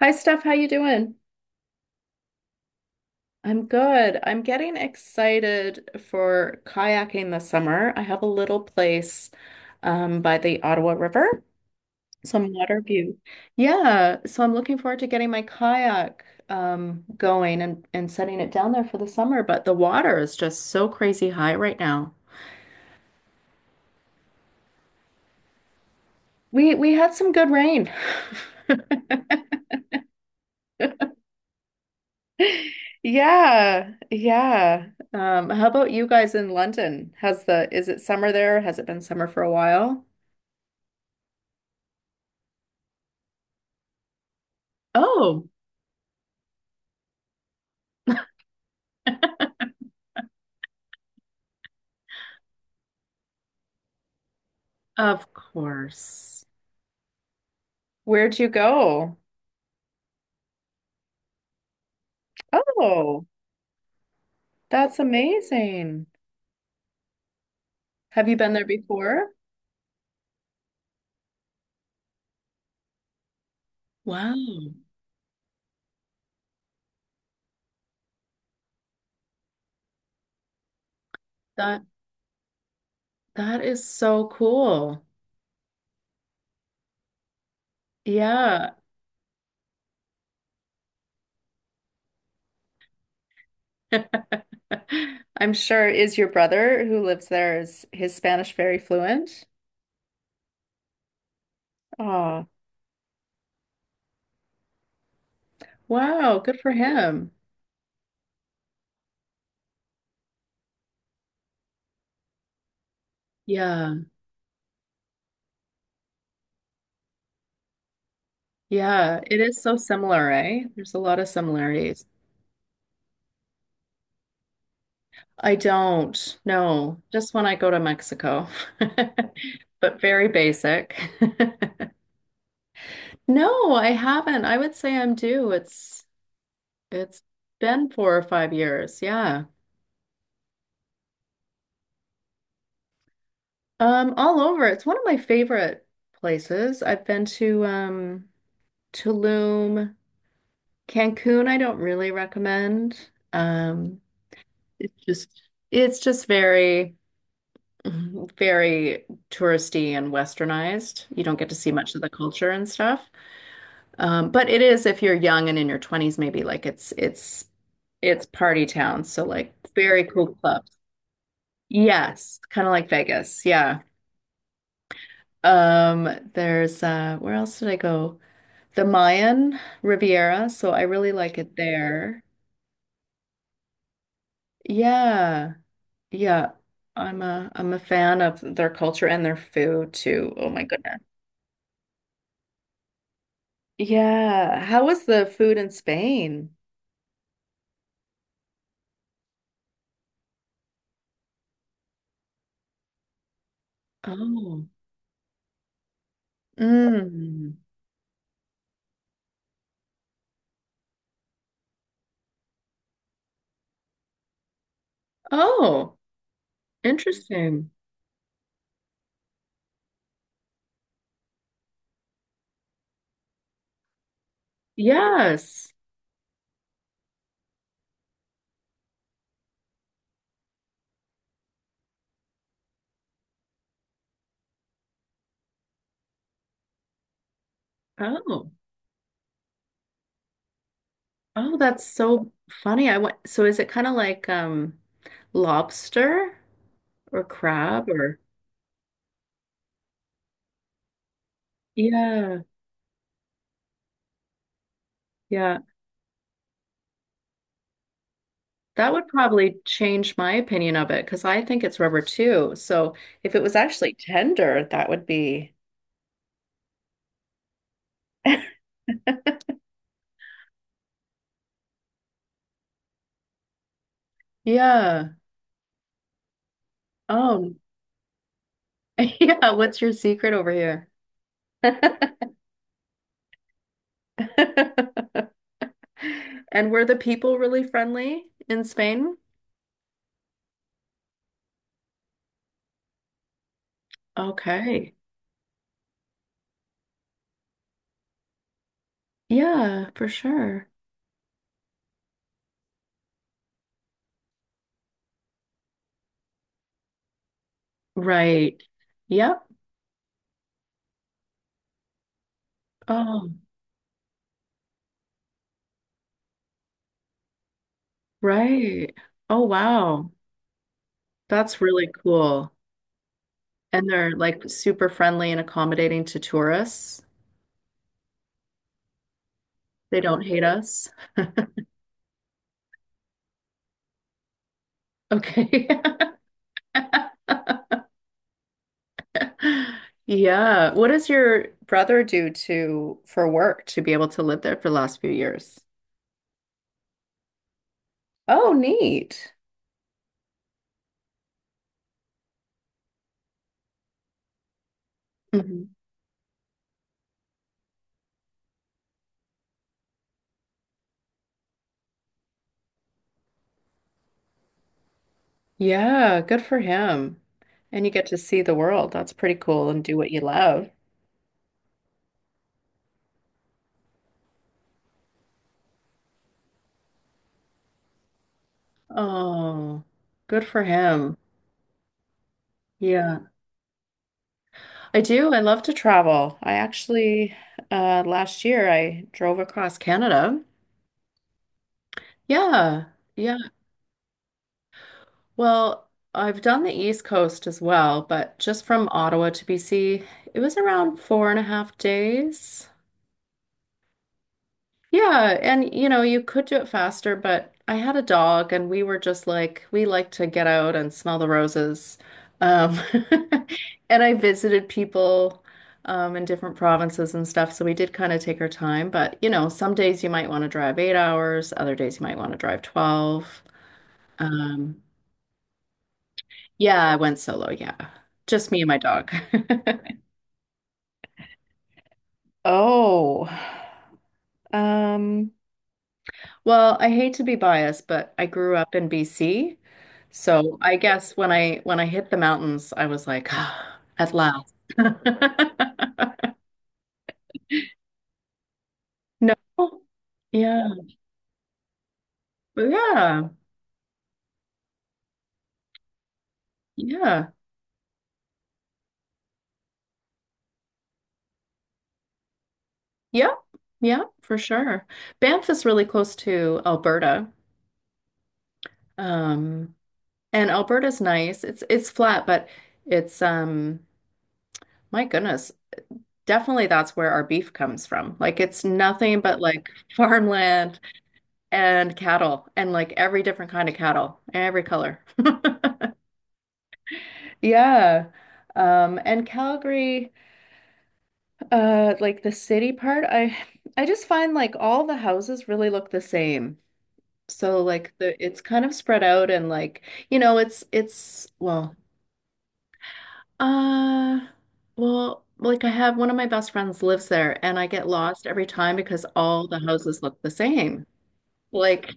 Hi Steph, how you doing? I'm good. I'm getting excited for kayaking this summer. I have a little place by the Ottawa River, some water view. Yeah, so I'm looking forward to getting my kayak going and setting it down there for the summer. But the water is just so crazy high right now. We had some good rain. Yeah, yeah. How about you guys in London? Has the Is it summer there? Has it been summer for a while? Oh, of course. Where'd you go? Oh, that's amazing. Have you been there before? Wow. That that is so cool. Yeah, I'm sure. Is your brother who lives there, is his Spanish very fluent? Oh, wow, good for him. Yeah. Yeah, it is so similar, eh? There's a lot of similarities. I don't know, just when I go to Mexico. But very basic. No, I haven't. I would say I'm due. It's been 4 or 5 years. Yeah. All over. It's one of my favorite places. I've been to Tulum, Cancun. I don't really recommend. Um, it's just very, mhm, very touristy and westernized. You don't get to see much of the culture and stuff. But it is if you're young and in your 20s, maybe like it's party town. So like very cool clubs. Yes, kind of like Vegas. Yeah. Um, there's Where else did I go? The Mayan Riviera, so I really like it there. Yeah. Yeah. I'm a fan of their culture and their food too. Oh my goodness. Yeah. How was the food in Spain? Oh, mm. Oh, interesting. Yes. Oh, oh, that's so funny. I went, so is it kind of like lobster or crab or yeah, yeah. That would probably change my opinion of it because I think it's rubber too. So if it was actually tender, that would be. Yeah. Oh, yeah. What's your secret over here? And were the people really friendly in Spain? Okay. Yeah, for sure. Right. Yep. Oh, right. Oh, wow. That's really cool. And they're like super friendly and accommodating to tourists. They don't hate us. Okay. Yeah. What does your brother do to for work to be able to live there for the last few years? Oh, neat. Yeah, good for him. And you get to see the world. That's pretty cool and do what you love. Oh, good for him. Yeah, I do. I love to travel. Last year I drove across Canada. Yeah, yeah. Well, I've done the East Coast as well, but just from Ottawa to BC, it was around four and a half days. Yeah, and you could do it faster, but I had a dog and we were just like we like to get out and smell the roses. Um and I visited people in different provinces and stuff, so we did kind of take our time, but some days you might want to drive 8 hours, other days you might want to drive 12. Um yeah, I went solo, yeah. Just me and my dog. Oh. Um Well, I hate to be biased, but I grew up in BC. So I guess when I hit the mountains, I was like, ah, at last. No. Yeah. But yeah. Yeah. Yep. Yep, for sure. Banff is really close to Alberta. Um, and Alberta's nice. It's flat, but it's my goodness, definitely that's where our beef comes from. Like it's nothing but like farmland and cattle and like every different kind of cattle, every color. Yeah. And Calgary, like the city part, I just find like all the houses really look the same. So like the it's kind of spread out and like, you know, it's it's well, uh well, like I have one of my best friends lives there and I get lost every time because all the houses look the same. Like,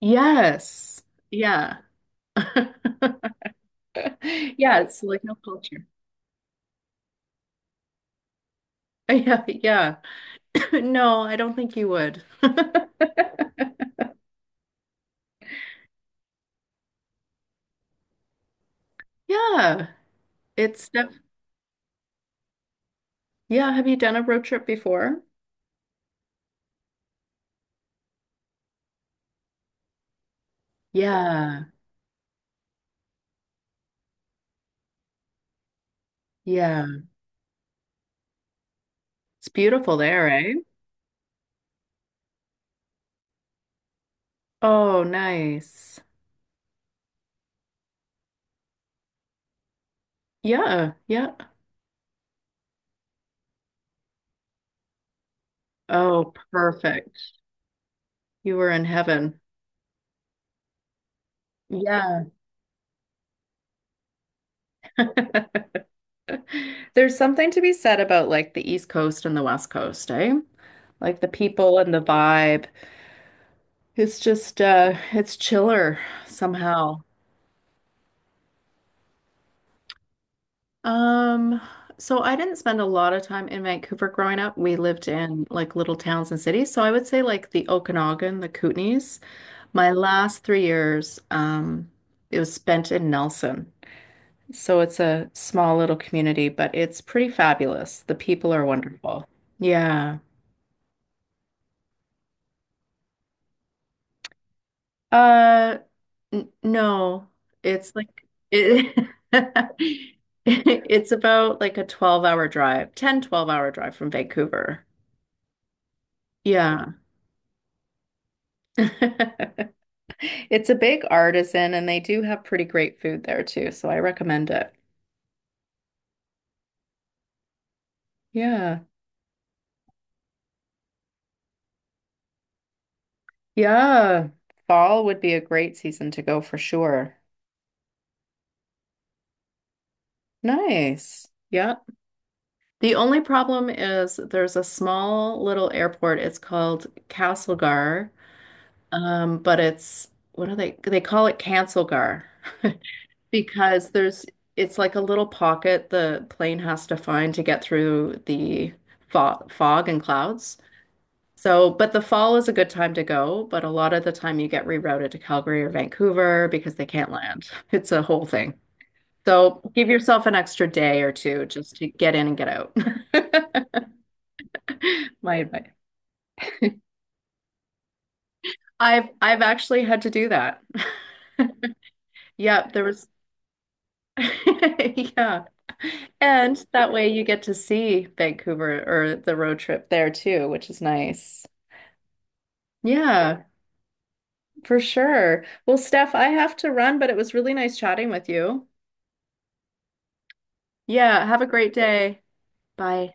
yes. Yeah. Yeah, it's like no culture. Yeah, yeah. No, I don't think you would. Yeah, it's def- yeah. Have you done a road trip before? Yeah, yeah. It's beautiful there, eh? Oh, nice. Yeah, yeah. Oh, perfect. You were in heaven. Yeah. There's something to be said about like the East Coast and the West Coast, eh? Like the people and the vibe. It's chiller somehow. Um, so I didn't spend a lot of time in Vancouver growing up. We lived in like little towns and cities. So I would say like the Okanagan, the Kootenays. My last 3 years, it was spent in Nelson. So it's a small little community, but it's pretty fabulous. The people are wonderful. Yeah. Uh, n No, it's like it, it's about like a 12-hour drive, 10, 12 hour drive from Vancouver. Yeah. It's a big artisan and they do have pretty great food there too, so I recommend it. Yeah. Yeah. Fall would be a great season to go for sure. Nice. Yeah. The only problem is there's a small little airport. It's called Castlegar. But it's what are they call it Cancelgar, because there's it's like a little pocket the plane has to find to get through the fog and clouds. So, but the fall is a good time to go, but a lot of the time you get rerouted to Calgary or Vancouver because they can't land. It's a whole thing. So, give yourself an extra day or two just to get in and get out. My advice. I've actually had to do that. Yeah, there was yeah. And that way you get to see Vancouver or the road trip there too, which is nice. Yeah, for sure. Well, Steph, I have to run, but it was really nice chatting with you. Yeah, have a great day. Bye.